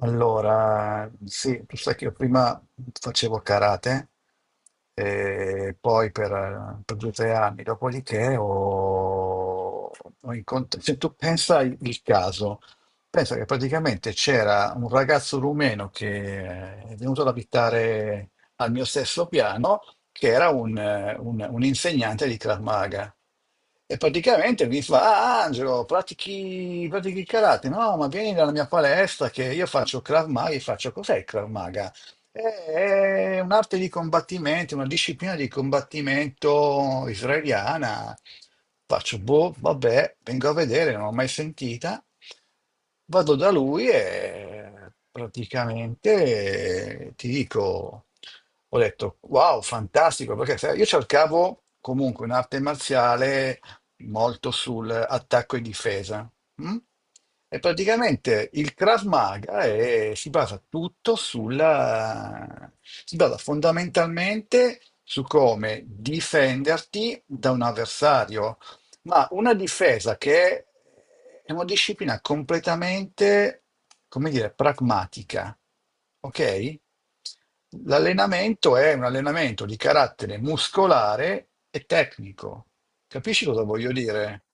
Allora, sì, tu sai che io prima facevo karate, e poi per 2 o 3 anni, dopodiché ho incontrato, se tu pensa il caso, pensa che praticamente c'era un ragazzo rumeno che è venuto ad abitare al mio stesso piano che era un insegnante di Krav Maga. E praticamente mi fa, ah Angelo, pratichi il karate? No, ma vieni dalla mia palestra che io faccio Krav Maga, io faccio cos'è il Krav Maga? È un'arte di combattimento, una disciplina di combattimento israeliana. Faccio, boh, vabbè, vengo a vedere, non l'ho mai sentita. Vado da lui e praticamente ti dico, ho detto, wow, fantastico, perché sai, io cercavo comunque un'arte marziale molto sull'attacco e difesa, mm? E praticamente il Krav Maga si basa tutto sulla, si basa fondamentalmente su come difenderti da un avversario, ma una difesa che è una disciplina completamente, come dire, pragmatica, ok? L'allenamento è un allenamento di carattere muscolare e tecnico. Capisci cosa voglio dire?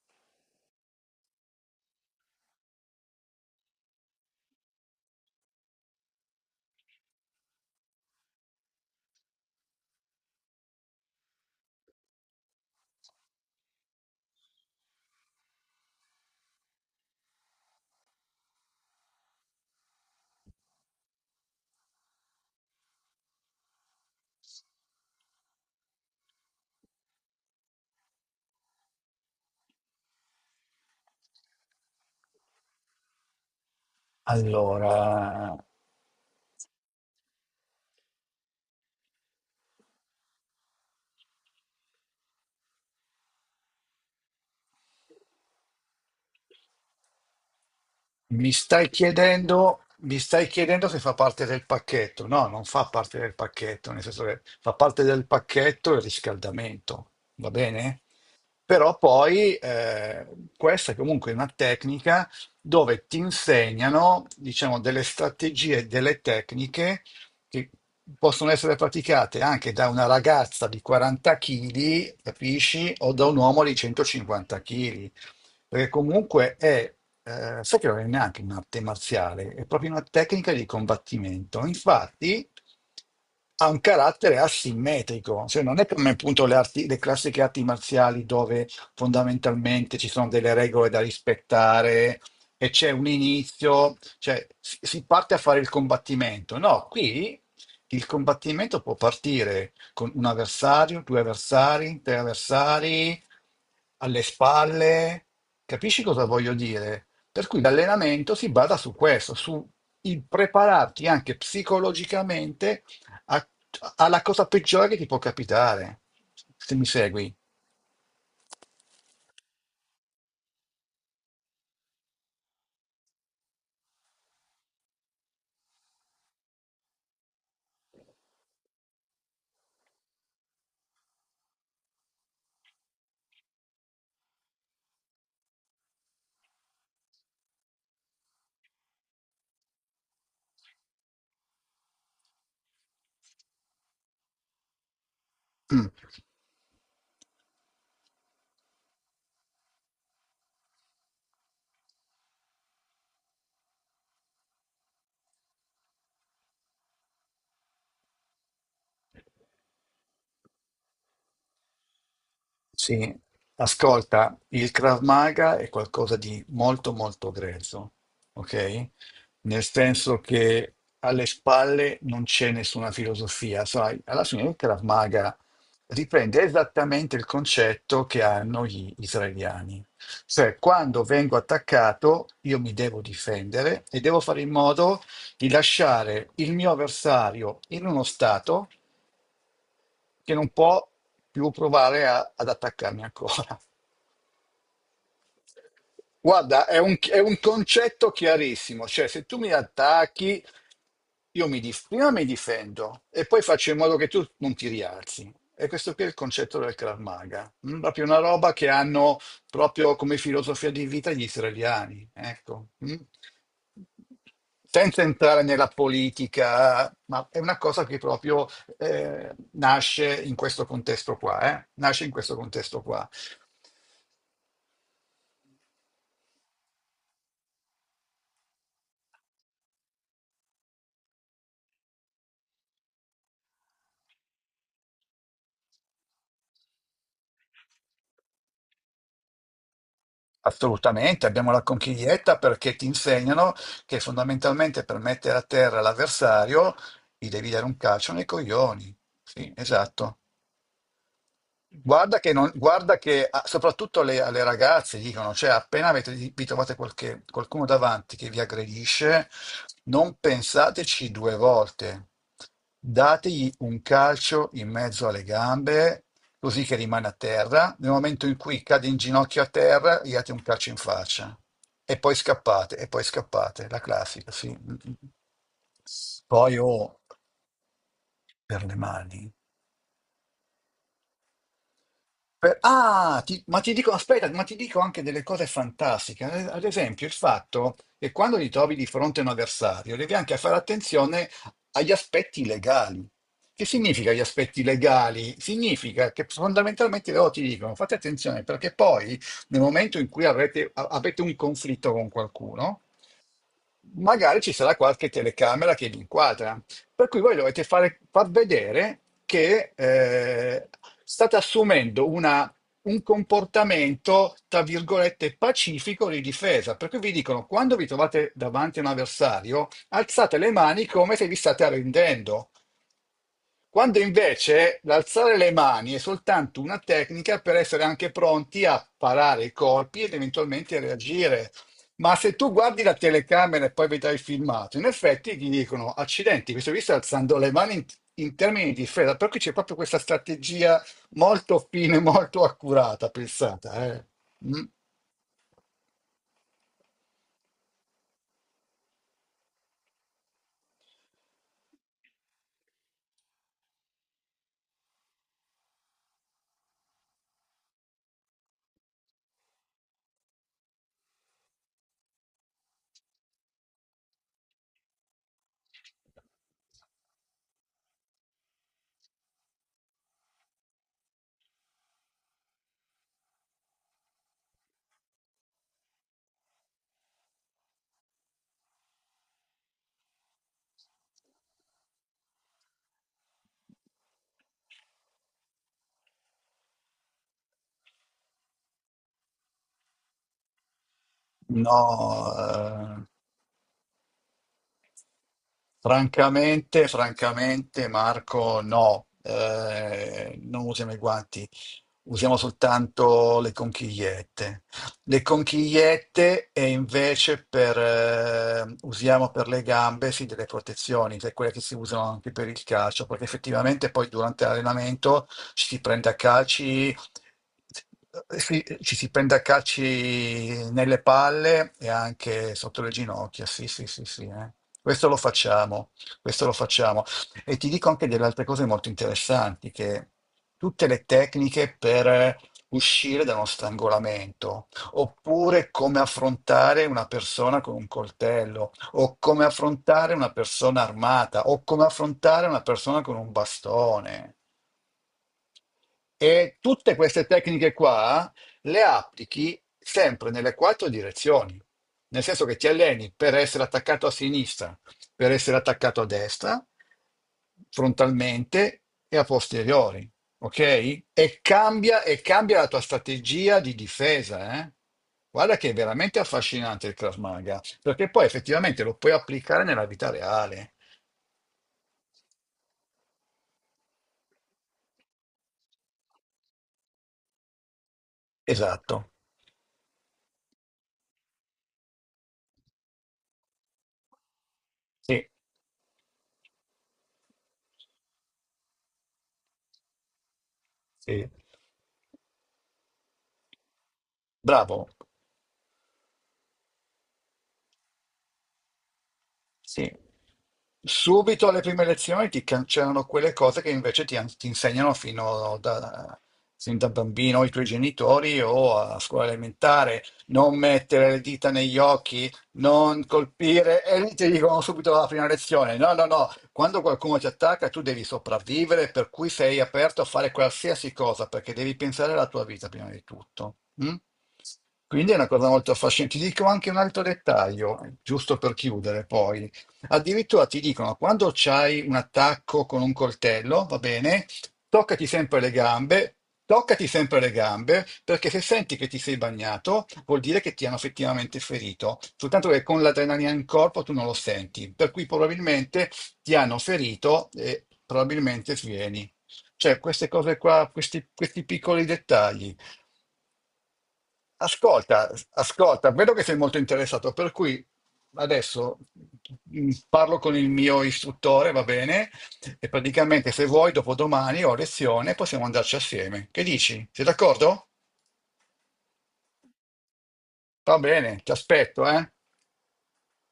Allora, mi stai chiedendo se fa parte del pacchetto? No, non fa parte del pacchetto, nel senso che fa parte del pacchetto il riscaldamento, va bene? Però poi questa è comunque una tecnica dove ti insegnano, diciamo, delle strategie, delle tecniche che possono essere praticate anche da una ragazza di 40 kg, capisci? O da un uomo di 150 kg. Perché comunque sai che non è neanche un'arte marziale, è proprio una tecnica di combattimento. Infatti ha un carattere asimmetrico, cioè non è come appunto le classiche arti marziali dove fondamentalmente ci sono delle regole da rispettare e c'è un inizio, cioè si parte a fare il combattimento. No, qui il combattimento può partire con un avversario, due avversari, tre avversari, alle spalle. Capisci cosa voglio dire? Per cui l'allenamento si basa su questo, su il prepararti anche psicologicamente a- alla cosa peggiore che ti può capitare, se mi segui. Mm. Sì, ascolta, il Krav Maga è qualcosa di molto molto grezzo, ok? Nel senso che alle spalle non c'è nessuna filosofia, sai? Alla fine il Krav Maga riprende esattamente il concetto che hanno gli israeliani, cioè quando vengo attaccato io mi devo difendere e devo fare in modo di lasciare il mio avversario in uno stato che non può più provare ad attaccarmi ancora. Guarda, è un concetto chiarissimo, cioè se tu mi attacchi, io prima mi difendo e poi faccio in modo che tu non ti rialzi. E questo qui è il concetto del Krav Maga, proprio una roba che hanno proprio come filosofia di vita gli israeliani, ecco. Mm. Senza entrare nella politica, ma è una cosa che proprio nasce in questo contesto qua, nasce in questo contesto qua. Assolutamente, abbiamo la conchiglietta perché ti insegnano che fondamentalmente per mettere a terra l'avversario gli devi dare un calcio nei coglioni. Sì, esatto. Guarda che, non- guarda che soprattutto alle ragazze dicono, cioè appena vi trovate qualcuno davanti che vi aggredisce, non pensateci due volte, dategli un calcio in mezzo alle gambe così che rimane a terra, nel momento in cui cade in ginocchio a terra, gli date un calcio in faccia e poi scappate, la classica, sì. Poi oh, per le mani. Ma ti dico, aspetta, ma ti dico anche delle cose fantastiche. Ad esempio, il fatto che quando ti trovi di fronte a un avversario, devi anche fare attenzione agli aspetti legali. Che significa gli aspetti legali? Significa che fondamentalmente loro ti dicono fate attenzione perché poi nel momento in cui avete un conflitto con qualcuno, magari ci sarà qualche telecamera che vi inquadra. Per cui voi dovete far vedere che state assumendo un comportamento, tra virgolette, pacifico di difesa. Per cui vi dicono, quando vi trovate davanti a un avversario, alzate le mani come se vi state arrendendo. Quando invece l'alzare le mani è soltanto una tecnica per essere anche pronti a parare i colpi ed eventualmente reagire. Ma se tu guardi la telecamera e poi vedrai il filmato, in effetti ti dicono: accidenti, questo qui sta alzando le mani in termini di difesa, perché c'è proprio questa strategia molto fine, molto accurata, pensata. Mm. No, francamente, Marco, no, non usiamo i guanti. Usiamo soltanto le conchigliette. Le conchigliette e invece usiamo per le gambe sì, delle protezioni, che è quelle che si usano anche per il calcio, perché effettivamente poi durante l'allenamento ci si prende a calci, sì, ci si prende a calci nelle palle e anche sotto le ginocchia. Sì, sì, sì, sì. Questo lo facciamo, questo lo facciamo. E ti dico anche delle altre cose molto interessanti, che tutte le tecniche per uscire da uno strangolamento, oppure come affrontare una persona con un coltello, o come affrontare una persona armata, o come affrontare una persona con un bastone. E tutte queste tecniche qua le applichi sempre nelle quattro direzioni, nel senso che ti alleni per essere attaccato a sinistra, per essere attaccato a destra, frontalmente e a posteriori, ok? E cambia la tua strategia di difesa, eh? Guarda che è veramente affascinante il Krav Maga, perché poi effettivamente lo puoi applicare nella vita reale. Esatto. Sì, sì. Bravo. Sì. Subito alle prime lezioni ti cancellano quelle cose che invece ti insegnano sin da bambino i tuoi genitori o a scuola elementare. Non mettere le dita negli occhi, non colpire, e lì ti dicono subito alla prima lezione: no, no, no, quando qualcuno ti attacca tu devi sopravvivere, per cui sei aperto a fare qualsiasi cosa perché devi pensare alla tua vita prima di tutto. Mm? Quindi è una cosa molto affascinante. Ti dico anche un altro dettaglio, giusto per chiudere poi. Addirittura ti dicono, quando c'hai un attacco con un coltello, va bene, toccati sempre le gambe, toccati sempre le gambe, perché se senti che ti sei bagnato, vuol dire che ti hanno effettivamente ferito, soltanto che con l'adrenalina in corpo tu non lo senti, per cui probabilmente ti hanno ferito e probabilmente svieni. Cioè, queste cose qua, questi piccoli dettagli. Ascolta, ascolta, vedo che sei molto interessato, per cui adesso parlo con il mio istruttore, va bene? E praticamente se vuoi, dopodomani ho lezione, possiamo andarci assieme. Che dici? Sei d'accordo? Va bene, ti aspetto, eh?